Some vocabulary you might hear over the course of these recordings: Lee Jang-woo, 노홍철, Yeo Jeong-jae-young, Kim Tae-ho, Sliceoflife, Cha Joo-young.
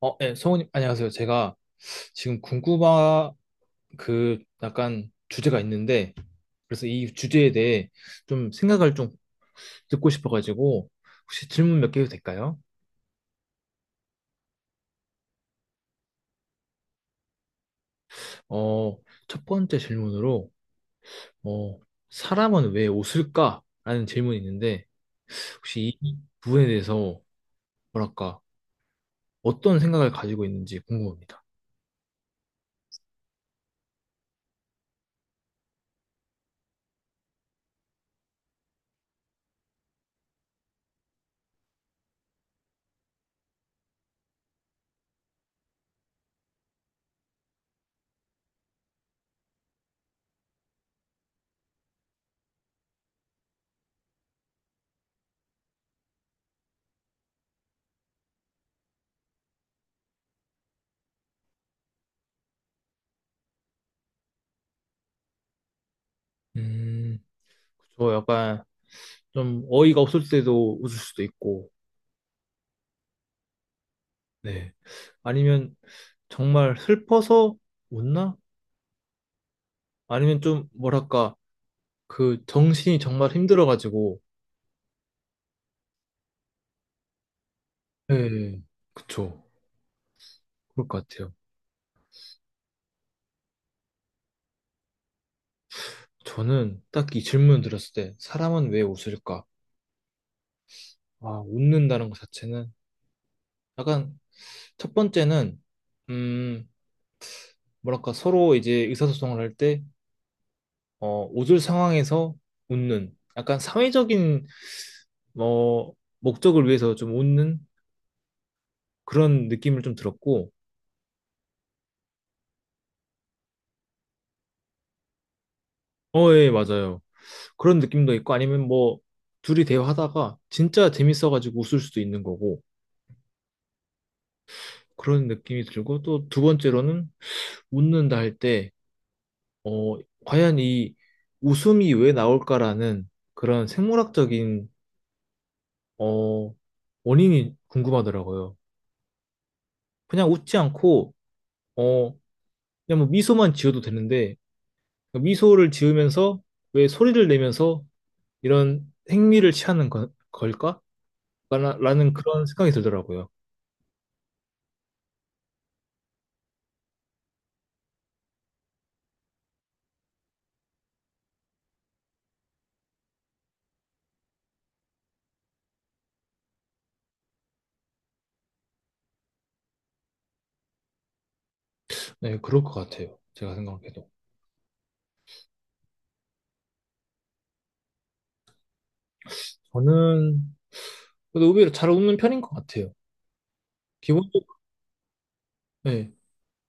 네, 성우님, 안녕하세요. 제가 지금 궁금한 그 약간 주제가 있는데, 그래서 이 주제에 대해 좀 생각을 좀 듣고 싶어가지고, 혹시 질문 몇 개 해도 될까요? 어, 첫 번째 질문으로, 어, 사람은 왜 웃을까? 라는 질문이 있는데, 혹시 이 부분에 대해서 뭐랄까, 어떤 생각을 가지고 있는지 궁금합니다. 음, 저 약간 좀 어이가 없을 때도 웃을 수도 있고, 네. 아니면 정말 슬퍼서 웃나? 아니면 좀 뭐랄까 그 정신이 정말 힘들어가지고 네. 그쵸. 그럴 것 같아요. 저는 딱 이 질문 들었을 때 사람은 왜 웃을까? 아, 웃는다는 것 자체는 약간 첫 번째는 음, 뭐랄까 서로 이제 의사소통을 할 때 웃을 상황에서 웃는 약간 사회적인 뭐 목적을 위해서 좀 웃는 그런 느낌을 좀 들었고 예, 맞아요. 그런 느낌도 있고 아니면 뭐 둘이 대화하다가 진짜 재밌어가지고 웃을 수도 있는 거고 그런 느낌이 들고 또 두 번째로는 웃는다 할 때, 어, 과연 이 웃음이 왜 나올까라는 그런 생물학적인, 어, 원인이 궁금하더라고요. 그냥 웃지 않고, 어, 그냥 뭐 미소만 지어도 되는데 미소를 지으면서 왜 소리를 내면서 이런 행미를 취하는 걸까? 라는 그런 생각이 들더라고요. 네, 그럴 것 같아요. 제가 생각해도. 저는 그래도 의외로 잘 웃는 편인 것 같아요. 기본적으로, 네,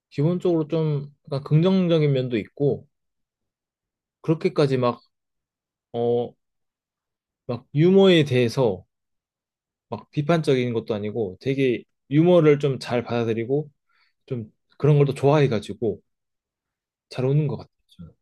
기본적으로 좀 약간 긍정적인 면도 있고, 그렇게까지 막, 어, 막 유머에 대해서 막 비판적인 것도 아니고 되게 유머를 좀 잘 받아들이고 좀 그런 걸 또 좋아해가지고 잘 웃는 것 같아요. 저는.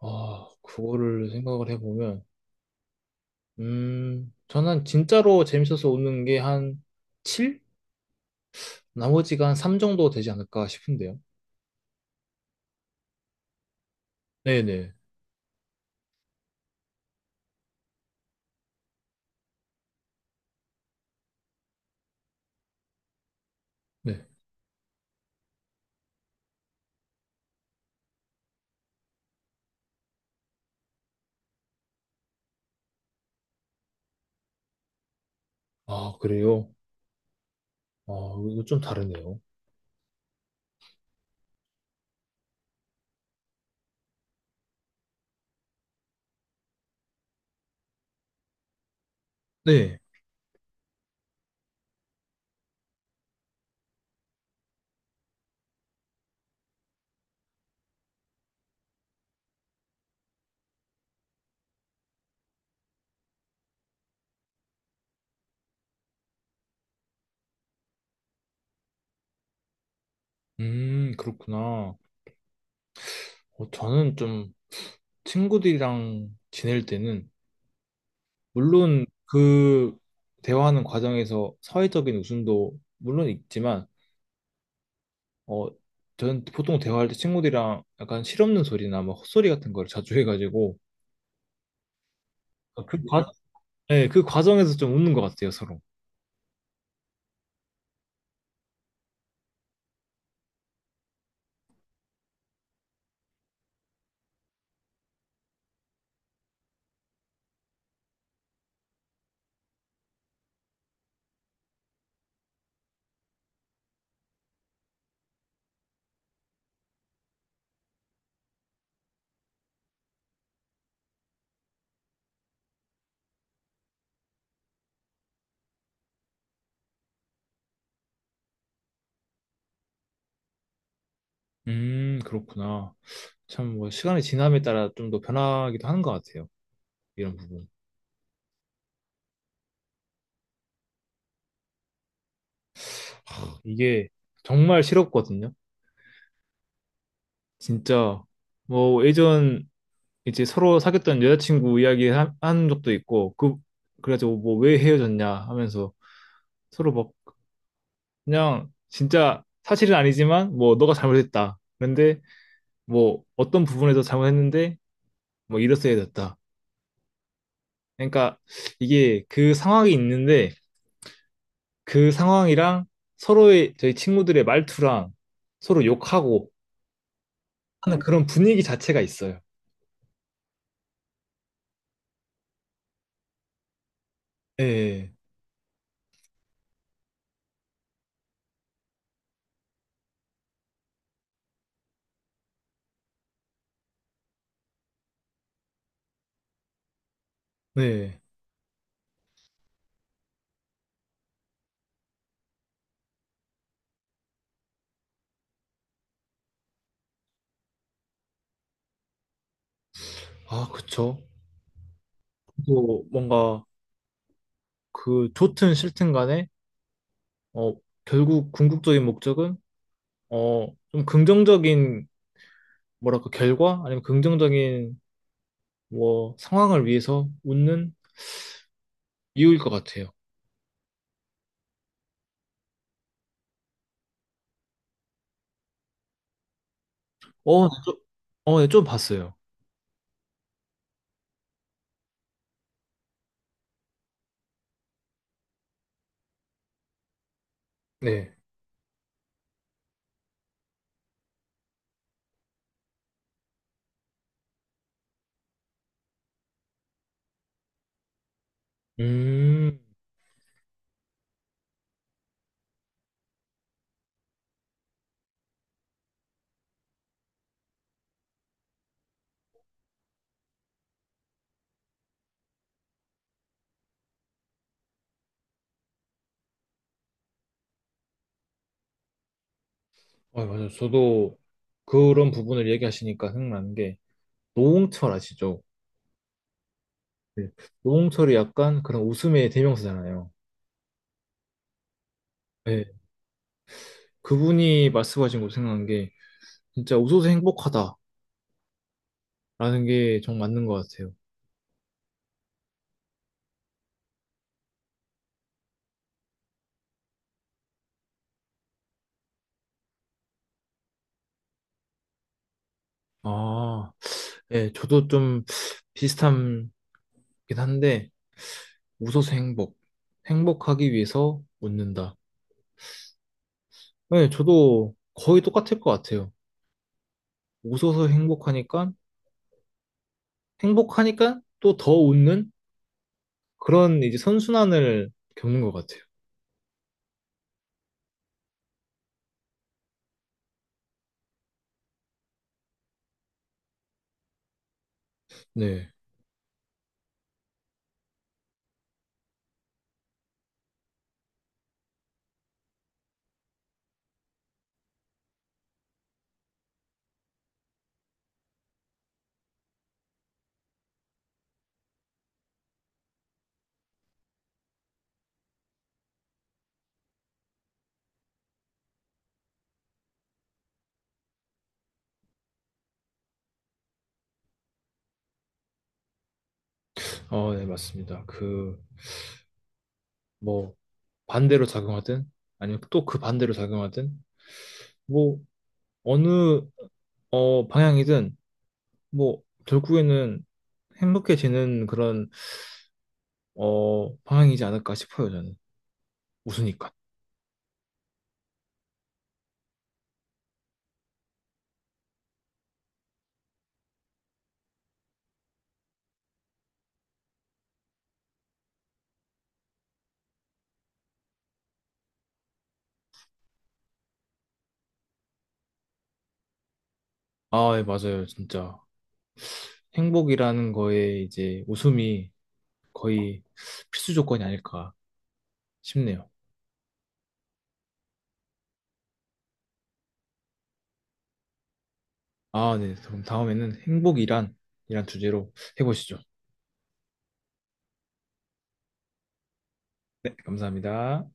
아, 그거를 생각을 해보면, 저는 진짜로 재밌어서 웃는 게 한 7? 나머지가 한 3 정도 되지 않을까 싶은데요. 네네. 네. 아, 그래요? 아, 이거 좀 다르네요. 네. 그렇구나. 저는 좀 친구들이랑 지낼 때는, 물론 그 대화하는 과정에서 사회적인 웃음도 물론 있지만, 어, 저는 보통 대화할 때 친구들이랑 약간 실없는 소리나 막 헛소리 같은 걸 자주 해가지고, 그 과, 네, 그 과정에서 좀 웃는 것 같아요, 서로. 그렇구나. 참, 뭐, 시간이 지남에 따라 좀 더 변하기도 하는 것 같아요. 이런 부분. 이게 정말 싫었거든요. 진짜 뭐 예전 이제 서로 사귀었던 여자친구 이야기 한 적도 있고 그 그래가지고 뭐 왜 헤어졌냐 하면서 서로 막 그냥 진짜 사실은 아니지만 뭐 너가 잘못했다. 그런데 뭐 어떤 부분에서 잘못했는데 뭐 이랬어야 됐다. 그러니까 이게 그 상황이 있는데 그 상황이랑 서로의 저희 친구들의 말투랑 서로 욕하고 하는 그런 분위기 자체가 있어요. 네, 네. 아, 그쵸. 또 뭔가 그 좋든 싫든 간에 어 결국 궁극적인 목적은 좀 긍정적인 뭐랄까 결과 아니면 긍정적인 뭐 상황을 위해서 웃는 이유일 것 같아요. 어, 네, 좀 봤어요. 네. 음, 아, 맞아요. 저도 그런 부분을 얘기하시니까 생각나는 게 노홍철 아시죠? 네. 노홍철이 약간 그런 웃음의 대명사잖아요. 네. 그분이 말씀하신 거 생각난 게 진짜 웃어서 행복하다. 라는 게 정 맞는 것 같아요. 아, 예, 저도 좀 비슷하긴 한데, 웃어서 행복. 행복하기 위해서 웃는다. 예, 저도 거의 똑같을 것 같아요. 웃어서 행복하니까, 행복하니까 또 더 웃는 그런 이제 선순환을 겪는 것 같아요. 네. 네, 맞습니다. 그, 뭐, 반대로 작용하든, 아니면 또 그 반대로 작용하든, 뭐, 어느, 방향이든 뭐 결국에는 행복해지는 그런 방향이지 않을까 싶어요 저는 웃으니까 아 예, 맞아요 진짜 행복이라는 거에 이제 웃음이 거의 필수 조건이 아닐까 싶네요 아 네 그럼 다음에는 행복이란 이란 주제로 해보시죠 네 감사합니다